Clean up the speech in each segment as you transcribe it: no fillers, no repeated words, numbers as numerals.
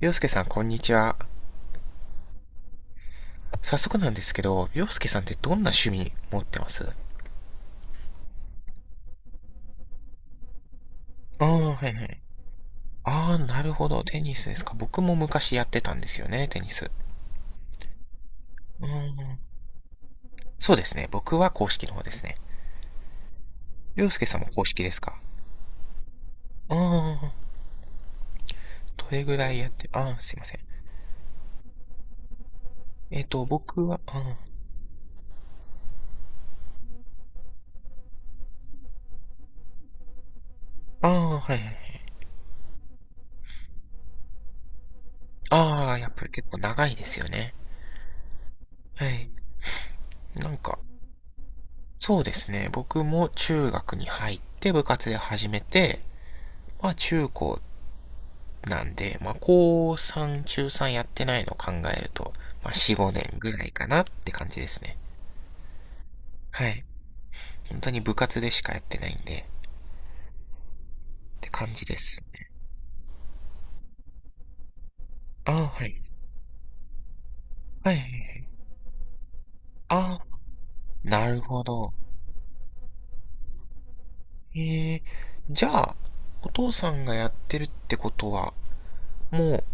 洋介さん、こんにちは。早速なんですけど、洋介さんってどんな趣味持ってます？ああ、はいはい。ああ、なるほど。テニスですか。僕も昔やってたんですよね、テニス。うん。そうですね。僕は公式の方ですね。洋介さんも公式ですか？ああ、どれぐらいやって、ああ、すいません。僕は、ああ、ああ、はいはい。ああ、やっぱり結構長いですよね。はい。なんか、そうですね。僕も中学に入って部活で始めて、まあ中高なんで、まあ、高3、中3やってないのを考えると、まあ、4、5年ぐらいかなって感じですね。はい。本当に部活でしかやってないんで、って感じです。ああ、はい。はいはいはい。ああ、なるほど。えー、じゃあ、お父さんがやってるってことは、もう、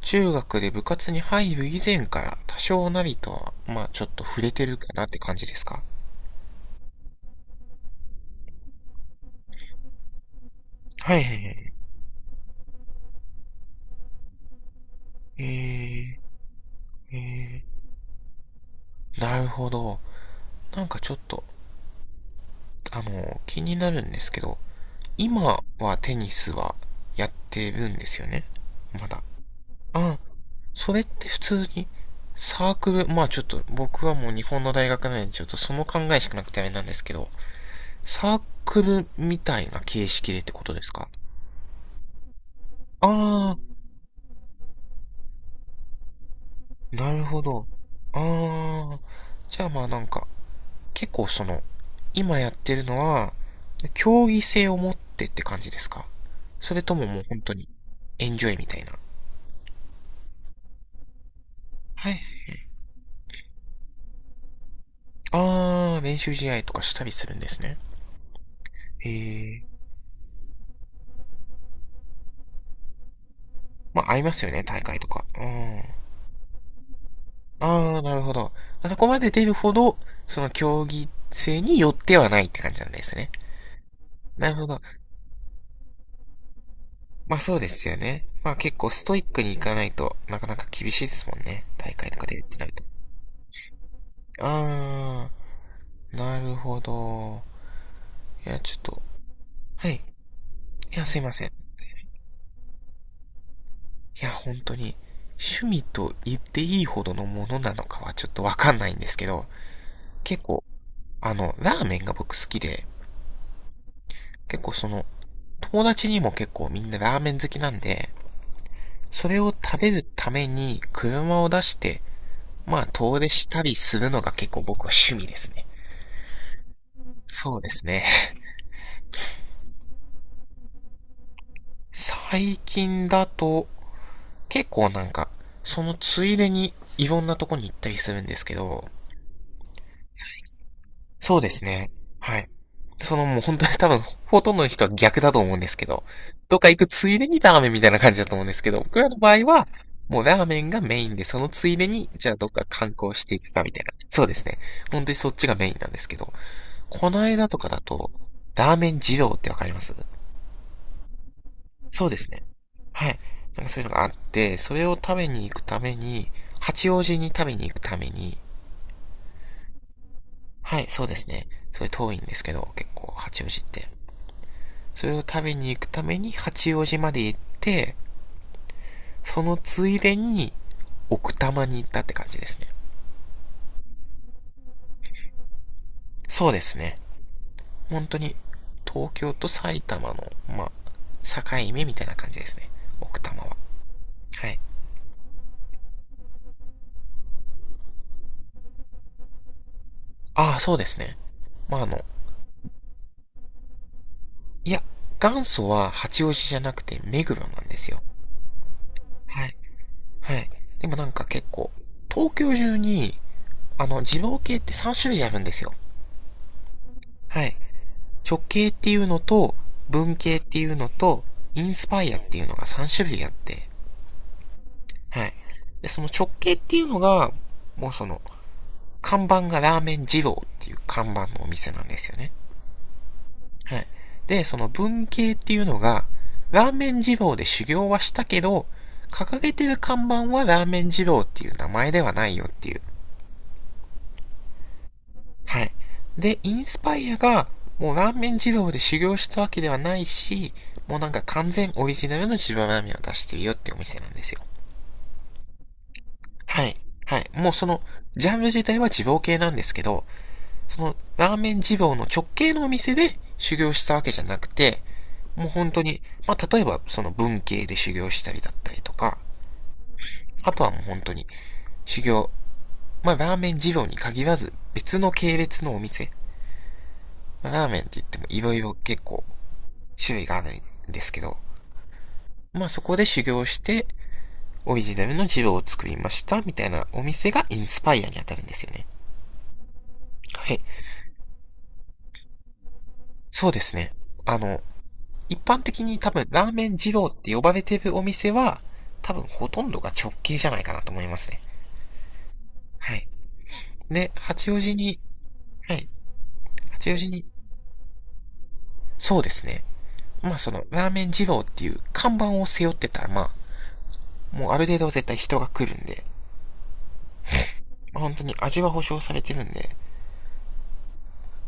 中学で部活に入る以前から多少なりとは、まあちょっと触れてるかなって感じですか？はいはいはい。えー、えなるほど。なんかちょっと気になるんですけど、今はテニスはやってるんですよね、まだ。あ、それって普通にサークル、まあちょっと僕はもう日本の大学なんでちょっとその考えしかなくてあれなんですけど、サークルみたいな形式でってことですか？ああ、なるほど。ああ、じゃあまあなんか、結構その、今やってるのは、競技性を持ってって感じですか？それとももう本当に、エンジョイみたいな。はい。あー、練習試合とかしたりするんですね。えー。まあ、合いますよね、大会とか。うん。あー、なるほど。あそこまで出るほど、その競技性によってはないって感じなんですね。なるほど。まあそうですよね。まあ結構ストイックにいかないとなかなか厳しいですもんね。大会とか出るってなると。あー、なるほど。いや、ちょっと。はい。いや、すいません。いや、本当に。趣味と言っていいほどのものなのかはちょっとわかんないんですけど、結構、ラーメンが僕好きで、結構その、友達にも結構みんなラーメン好きなんで、それを食べるために車を出して、まあ遠出したりするのが結構僕は趣味ですね。そうですね。最近だと、結構なんか、そのついでにいろんなとこに行ったりするんですけど、そうですね。はい。そのもう本当に 多分、ほとんどの人は逆だと思うんですけど、どっか行くついでにラーメンみたいな感じだと思うんですけど、僕らの場合は、もうラーメンがメインで、そのついでに、じゃあどっか観光していくかみたいな。そうですね。本当にそっちがメインなんですけど、この間とかだと、ラーメン二郎ってわかります？そうですね。はい。なんかそういうのがあって、それを食べに行くために、八王子に食べに行くために、はい、そうですね。それ遠いんですけど、結構、八王子って。それを食べに行くために八王子まで行って、そのついでに奥多摩に行ったって感じですね。そうですね。本当に東京と埼玉の、まあ、境目みたいな感じですね。奥多摩は。はい。ああ、そうですね。まあいや、元祖は八王子じゃなくて目黒なんですよ。はい。はい。でもなんか結構、東京中に、二郎系って3種類あるんですよ。はい。直系っていうのと、文系っていうのと、インスパイアっていうのが3種類あって、はい。で、その直系っていうのが、もうその、看板がラーメン二郎っていう看板のお店なんですよね。はい。で、その文系っていうのが、ラーメン二郎で修行はしたけど、掲げてる看板はラーメン二郎っていう名前ではないよっていう、はい。で、インスパイアが、もうラーメン二郎で修行したわけではないし、もうなんか完全オリジナルの自分ラーメンを出してるよってお店なんですよ。はい。はい。もうその、ジャンル自体は二郎系なんですけど、その、ラーメン二郎の直系のお店で修行したわけじゃなくて、もう本当に、まあ、例えばその文系で修行したりだったりとか、あとはもう本当に、修行、まあ、ラーメン二郎に限らず、別の系列のお店、まあ、ラーメンって言っても色々結構種類があるんですけど、まあそこで修行して、オリジナルのジローを作りました、みたいなお店がインスパイアに当たるんですよね。はい。そうですね。あの、一般的に多分ラーメン二郎って呼ばれてるお店は、多分ほとんどが直系じゃないかなと思いますね。はい。で、八王子に、はい。八王子に、そうですね。まあその、ラーメン二郎っていう看板を背負ってたら、まあ、もうある程度絶対人が来るんで、まあ本当に味は保証されてるんで、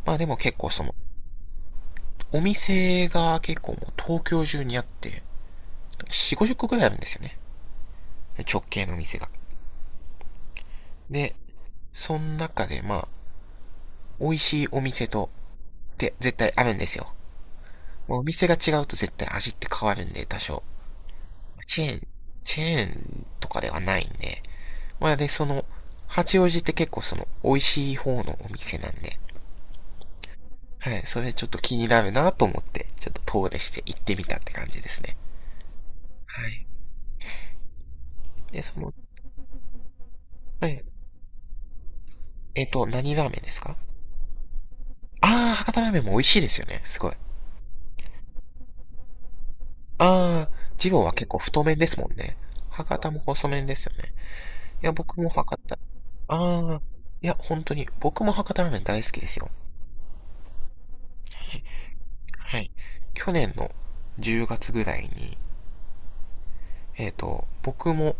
まあでも結構その、お店が結構もう東京中にあって、4、50個くらいあるんですよね。直系の店が。で、その中でまあ、美味しいお店と、って絶対あるんですよ。まあお店が違うと絶対味って変わるんで、多少。チェーン、チェーンとかではないんで。まあで、その、八王子って結構その、美味しい方のお店なんで。はい、それちょっと気になるなと思って、ちょっと遠出して行ってみたって感じですね。はい。で、その、え、何ラーメンですか？あー、博多ラーメンも美味しいですよね。すごい。あー、二郎は結構太麺ですもんね。博多も細麺ですよね。いや、僕も博多。あー、いや、本当に、僕も博多ラーメン大好きですよ。はい。去年の10月ぐらいに、僕も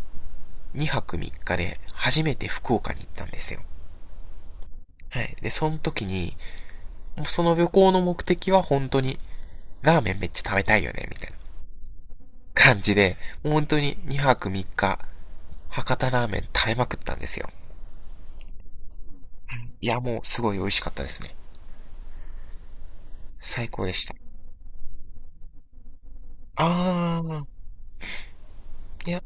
2泊3日で初めて福岡に行ったんですよ。はい。で、その時に、もうその旅行の目的は本当に、ラーメンめっちゃ食べたいよね、みたいな感じで、もう本当に2泊3日、博多ラーメン食べまくったんですよ。いや、もうすごい美味しかったですね。最高でした。あー、いや、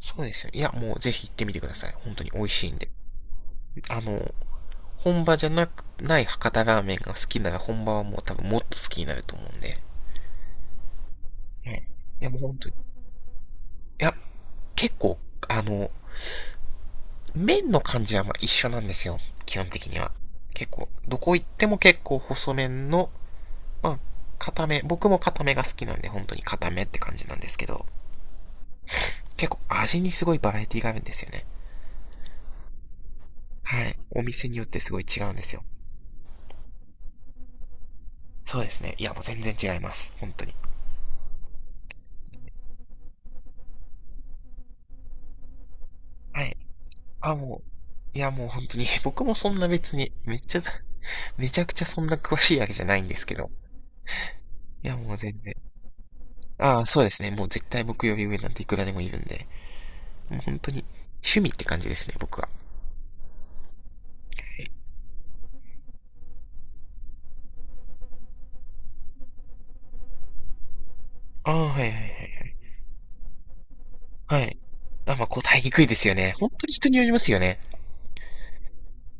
そうですよ。いや、もうぜひ行ってみてください。本当に美味しいんで。あの、本場じゃなく、ない博多ラーメンが好きなら本場はもう多分もっと好きになると思うんで。はい。いや、もう本当に。いや、結構、あの、麺の感じはまあ一緒なんですよ。基本的には。結構、どこ行っても結構細麺の、まあ、固め、僕も固めが好きなんで、本当に固めって感じなんですけど、結構味にすごいバラエティがあるんですよね。はい。お店によってすごい違うんですよ。そうですね。いや、もう全然違います。本当に。はい。あ、もう、もう本当に、僕もそんな別に、めっちゃ、めちゃくちゃそんな詳しいわけじゃないんですけど。いや、もう全然。ああ、そうですね。もう絶対僕より上なんていくらでもいるんで。もう本当に、趣味って感じですね、僕は。はい。ああ、はいはいはいはい。はい。あ、まあ、答えにくいですよね。本当に人によりますよね。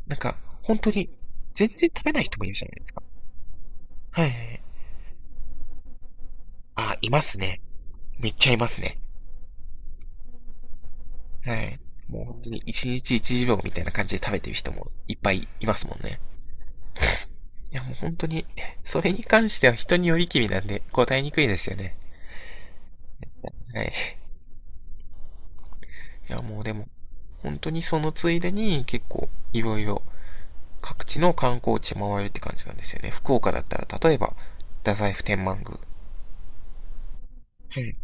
なんか、本当に、全然食べない人もいるじゃないですか。はいはいはい。あ、いますね。めっちゃいますね。はい。もう本当に一日1秒みたいな感じで食べてる人もいっぱいいますもんね。いやもう本当に、それに関しては人によりきりなんで答えにくいですよね。はい。いやもうでも、本当にそのついでに結構いろいろ各地の観光地回るって感じなんですよね。福岡だったら例えば、太宰府天満宮。はい。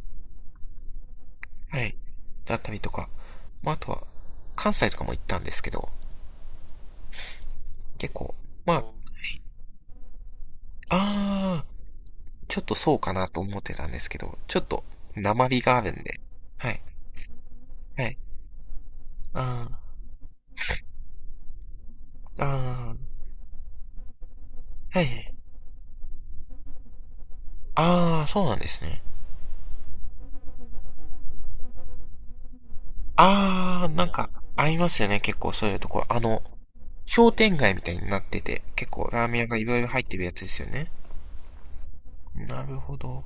はい。だったりとか、まああとは、関西とかも行ったんですけど、結構、まあ、あ、ちょっとそうかなと思ってたんですけど、ちょっと生火があるんで。はい。はい。あー、あー、はいはい。あー、そうなんですね。あー、なんか、合いますよね、結構そういうところ。あの、商店街みたいになってて、結構ラーメン屋がいろいろ入ってるやつですよね。なるほど。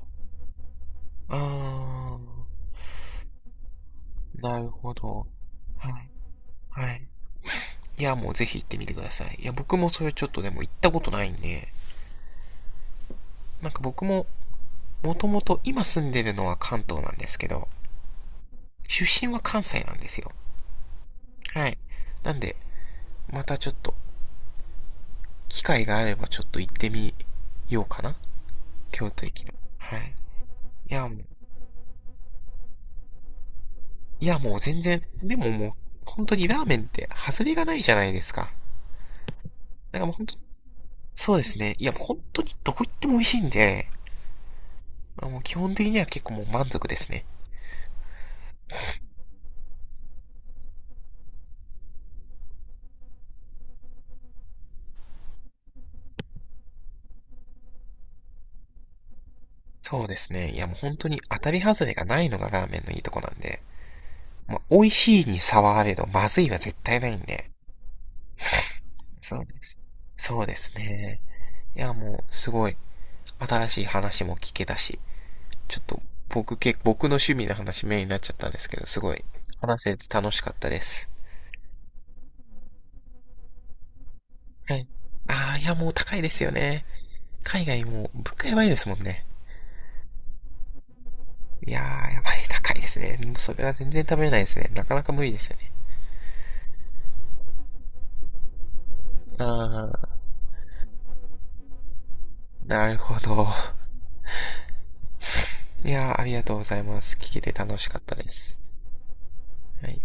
あー、なるほど。はい。はい。いや、もうぜひ行ってみてください。いや、僕もそれちょっとでも行ったことないんで、なんか僕も、もともと今住んでるのは関東なんですけど、出身は関西なんですよ。はい。なんで、またちょっと、機会があればちょっと行ってみようかな。京都駅の。はい。いや、もう、いやもう全然、でももう、本当にラーメンって外れがないじゃないですか。だからもう本当、そうですね。いやもう本当にどこ行っても美味しいんで、もう基本的には結構もう満足ですね。そうですね。いやもう本当に当たり外れがないのがラーメンのいいとこなんで、まあ、美味しいに差はあれど、まずいは絶対ないんで。そうです。そうですね。いや、もう、すごい、新しい話も聞けたし、ちょっと、僕の趣味の話メインになっちゃったんですけど、すごい、話せて楽しかったです。はい。あー、いや、もう高いですよね。海外も、物価やばいですもんね。いやー、やばい、高いですね。もうそれは全然食べれないですね。なかなか無理ですよね。あー、なるほど。いやー、ありがとうございます。聞けて楽しかったです。はい。